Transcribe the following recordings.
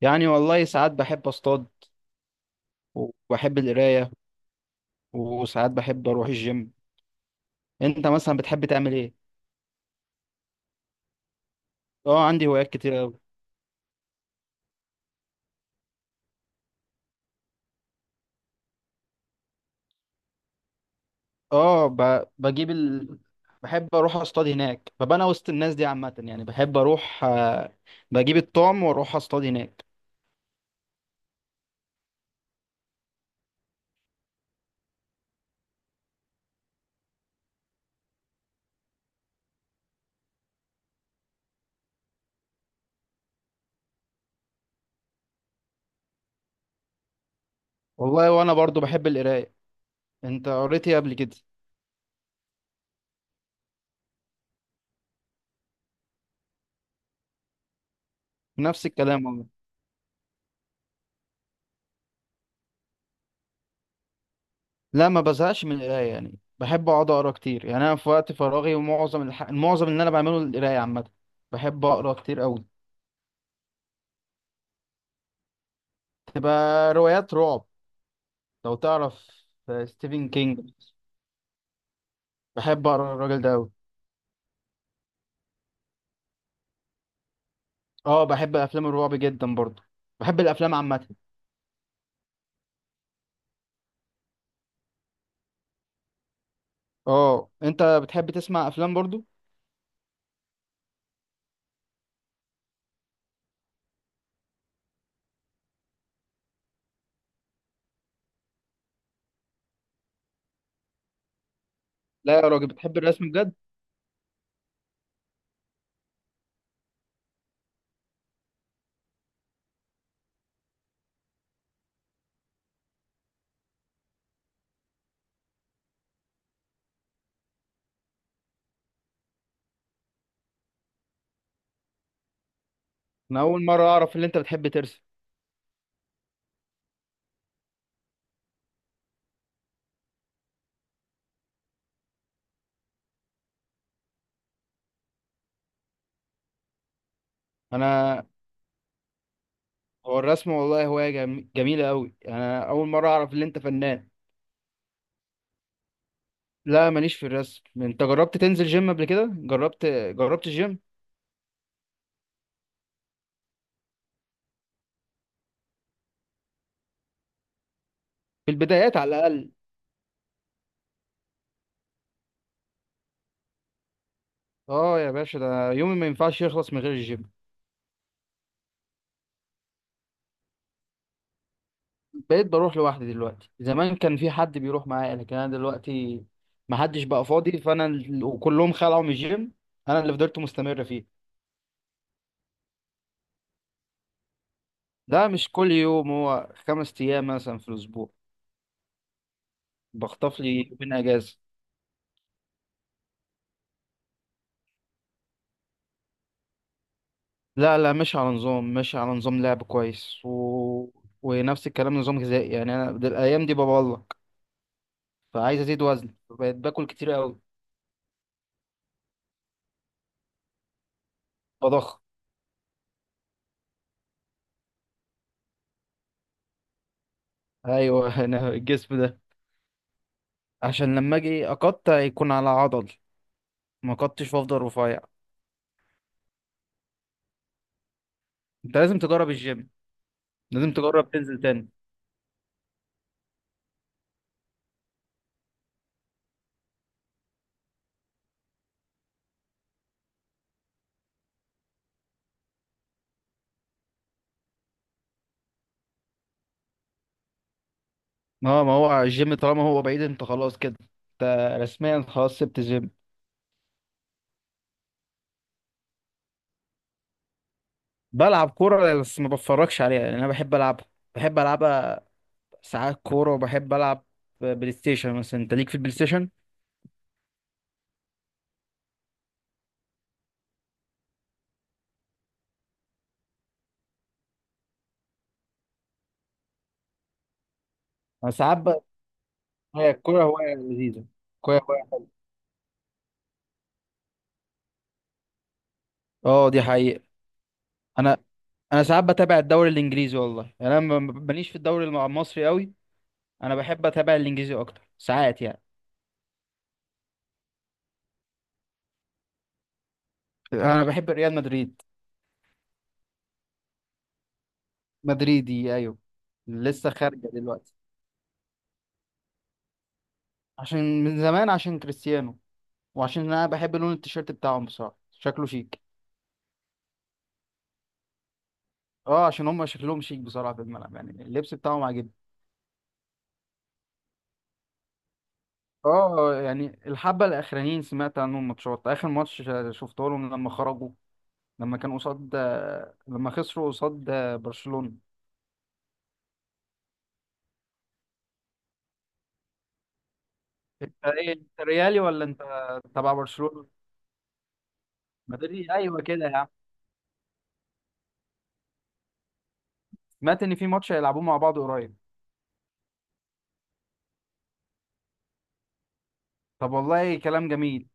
يعني والله ساعات بحب اصطاد وبحب القرايه وساعات بحب اروح الجيم. انت مثلا بتحب تعمل ايه؟ اه، عندي هوايات كتير قوي. اه ب... بجيب ال... بحب اروح اصطاد هناك، ببقى انا وسط الناس دي عامه، يعني بحب اروح، بجيب الطعم واروح اصطاد هناك. والله وانا برضو بحب القرايه. انت قريت ايه قبل كده؟ نفس الكلام والله. لا، ما بزهقش من القرايه يعني، بحب اقعد اقرا كتير يعني. انا في وقت فراغي ومعظم معظم اللي انا بعمله القرايه عامه. بحب اقرا كتير قوي. تبقى روايات رعب، لو تعرف، ستيفن كينج. بحب اقرا الراجل ده قوي. اه، بحب افلام الرعب جدا برضو. بحب الافلام عامه. اه، انت بتحب تسمع افلام برضو؟ لا يا راجل، بتحب الرسم بجد؟ انا اول مره اعرف ان انت بتحب ترسم. انا هو الرسم والله هوايه جميله قوي. انا اول مره اعرف ان انت فنان. لا، ماليش في الرسم. انت جربت تنزل جيم قبل كده؟ جربت الجيم؟ في البدايات على الاقل. اه، يا باشا ده يومي ما ينفعش يخلص من غير الجيم. بقيت بروح لوحدي دلوقتي. زمان كان في حد بيروح معايا، لكن انا دلوقتي ما حدش بقى فاضي، وكلهم خلعوا من الجيم. انا اللي فضلت مستمر فيه. ده مش كل يوم، هو خمس ايام مثلا في الاسبوع. بخطف لي يومين اجازه. لا لا، مش على نظام، لعب كويس، ونفس الكلام نظام غذائي يعني. الايام دي ببلق، فعايز ازيد وزن، بقيت باكل كتير قوي. بضخم. ايوه انا الجسم ده عشان لما اجي اقطع يكون على عضل، ما قطعش وافضل رفيع. انت لازم تجرب الجيم، لازم تجرب تنزل تاني. اه، ما هو الجيم طالما هو بعيد انت خلاص كده. انت رسميا خلاص سبت الجيم. بلعب كورة بس ما بتفرجش عليها لان انا بحب العبها، بحب العبها ساعات كورة، وبحب العب بلاي ستيشن مثلا. انت ليك في البلاي ستيشن؟ انا ساعات ب... هي الكورة هواية لذيذة، الكورة هواية. اه، دي حقيقة. انا انا ساعات بتابع الدوري الانجليزي، والله يعني انا ماليش في الدوري المصري قوي. انا بحب اتابع الانجليزي اكتر ساعات يعني. انا بحب ريال مدريد. مدريدي ايوه. لسه خارجه دلوقتي. عشان من زمان، عشان كريستيانو، وعشان انا بحب لون التيشيرت بتاعهم بصراحه، شكله شيك. اه، عشان هم شكلهم شيك بصراحه في الملعب، يعني اللبس بتاعهم عاجبني. اه، يعني الحبه الاخرانيين سمعت عنهم ماتشات. اخر ماتش شفته لهم لما خرجوا، لما كانوا قصاد، لما خسروا قصاد برشلونه. انت ايه انت، ريالي ولا انت تبع برشلونه؟ مدريد، ايوه كده يا عم. سمعت ان في ماتش هيلعبوه مع بعض قريب. طب والله كلام جميل.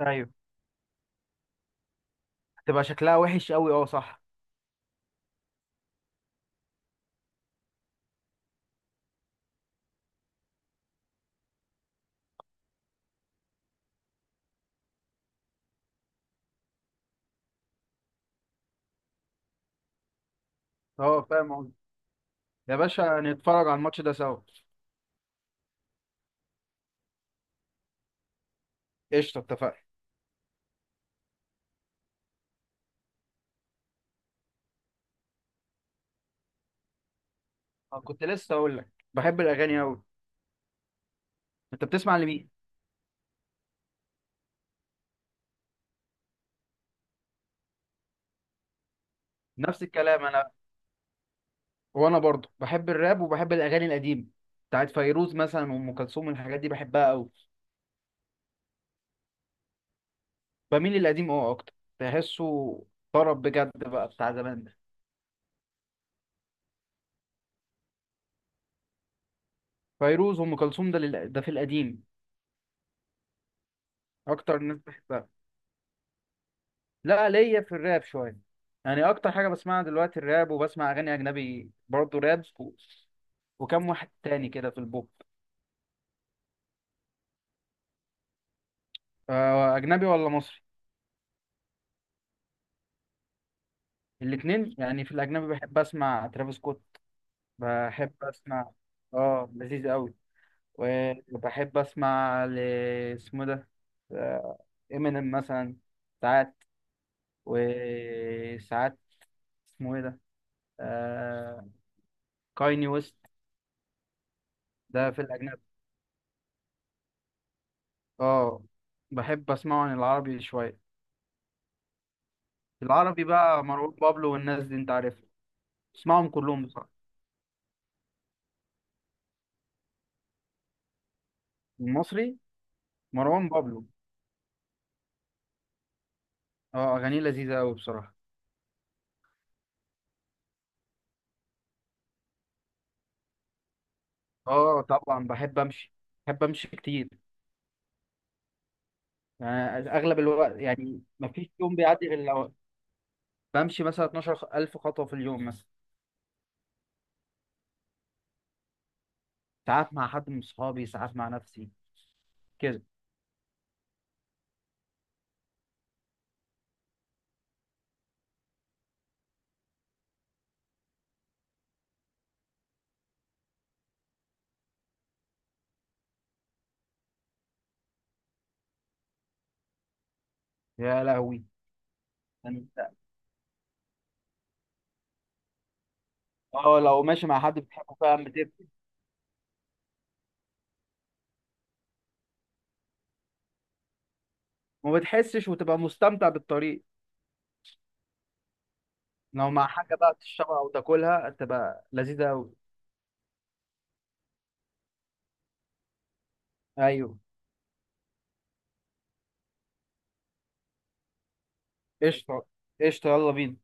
ايوه، تبقى شكلها وحش قوي، اه صح. اه، فاهم قصدي. يا باشا نتفرج على الماتش ده سوا. قشطة، اتفقنا. أنا كنت لسه أقول لك، بحب الأغاني أوي. أنت بتسمع لمين؟ نفس الكلام أنا. وأنا برضه بحب الراب، وبحب الأغاني القديمة بتاعت فيروز مثلا وأم كلثوم، الحاجات دي بحبها أوي. بميل للقديم أكتر، بحسه طرب بجد بقى، بتاع زمان ده. فيروز وأم كلثوم، ده في القديم. أكتر ناس بحبها. لا، ليا في الراب شوية يعني. أكتر حاجة بسمعها دلوقتي الراب، وبسمع أغاني أجنبي برضه راب وكم واحد تاني كده في البوب. أجنبي ولا مصري؟ الاتنين يعني. في الأجنبي بحب أسمع ترافيس سكوت. بحب أسمع، لذيذ أوي. وبحب أسمع اسمه ده، إمينيم مثلا. ساعات وساعات، اسمه إيه ده، آه... كايني ويست. ده في الأجنبي. آه بحب أسمعه عن العربي شوية. العربي بقى مروان بابلو والناس دي، انت عارفها. اسمعهم كلهم بصراحة. المصري مروان بابلو. اه، اغانيه لذيذة قوي بصراحة. اه طبعا، بحب امشي كتير، يعني اغلب الوقت. يعني ما فيش يوم بيعدي غير لو بمشي مثلا 12,000 خطوة في اليوم مثلا. ساعات مع حد من صحابي، ساعات مع نفسي كده. يا لهوي! انت اه لو ماشي مع حد بتحبه فعلا بتبكي، وما بتحسش وتبقى مستمتع بالطريق. لو مع حاجة بقى تشربها او تاكلها تبقى لذيذة قوي. ايوه. قشطة، قشطة، يلا بينا.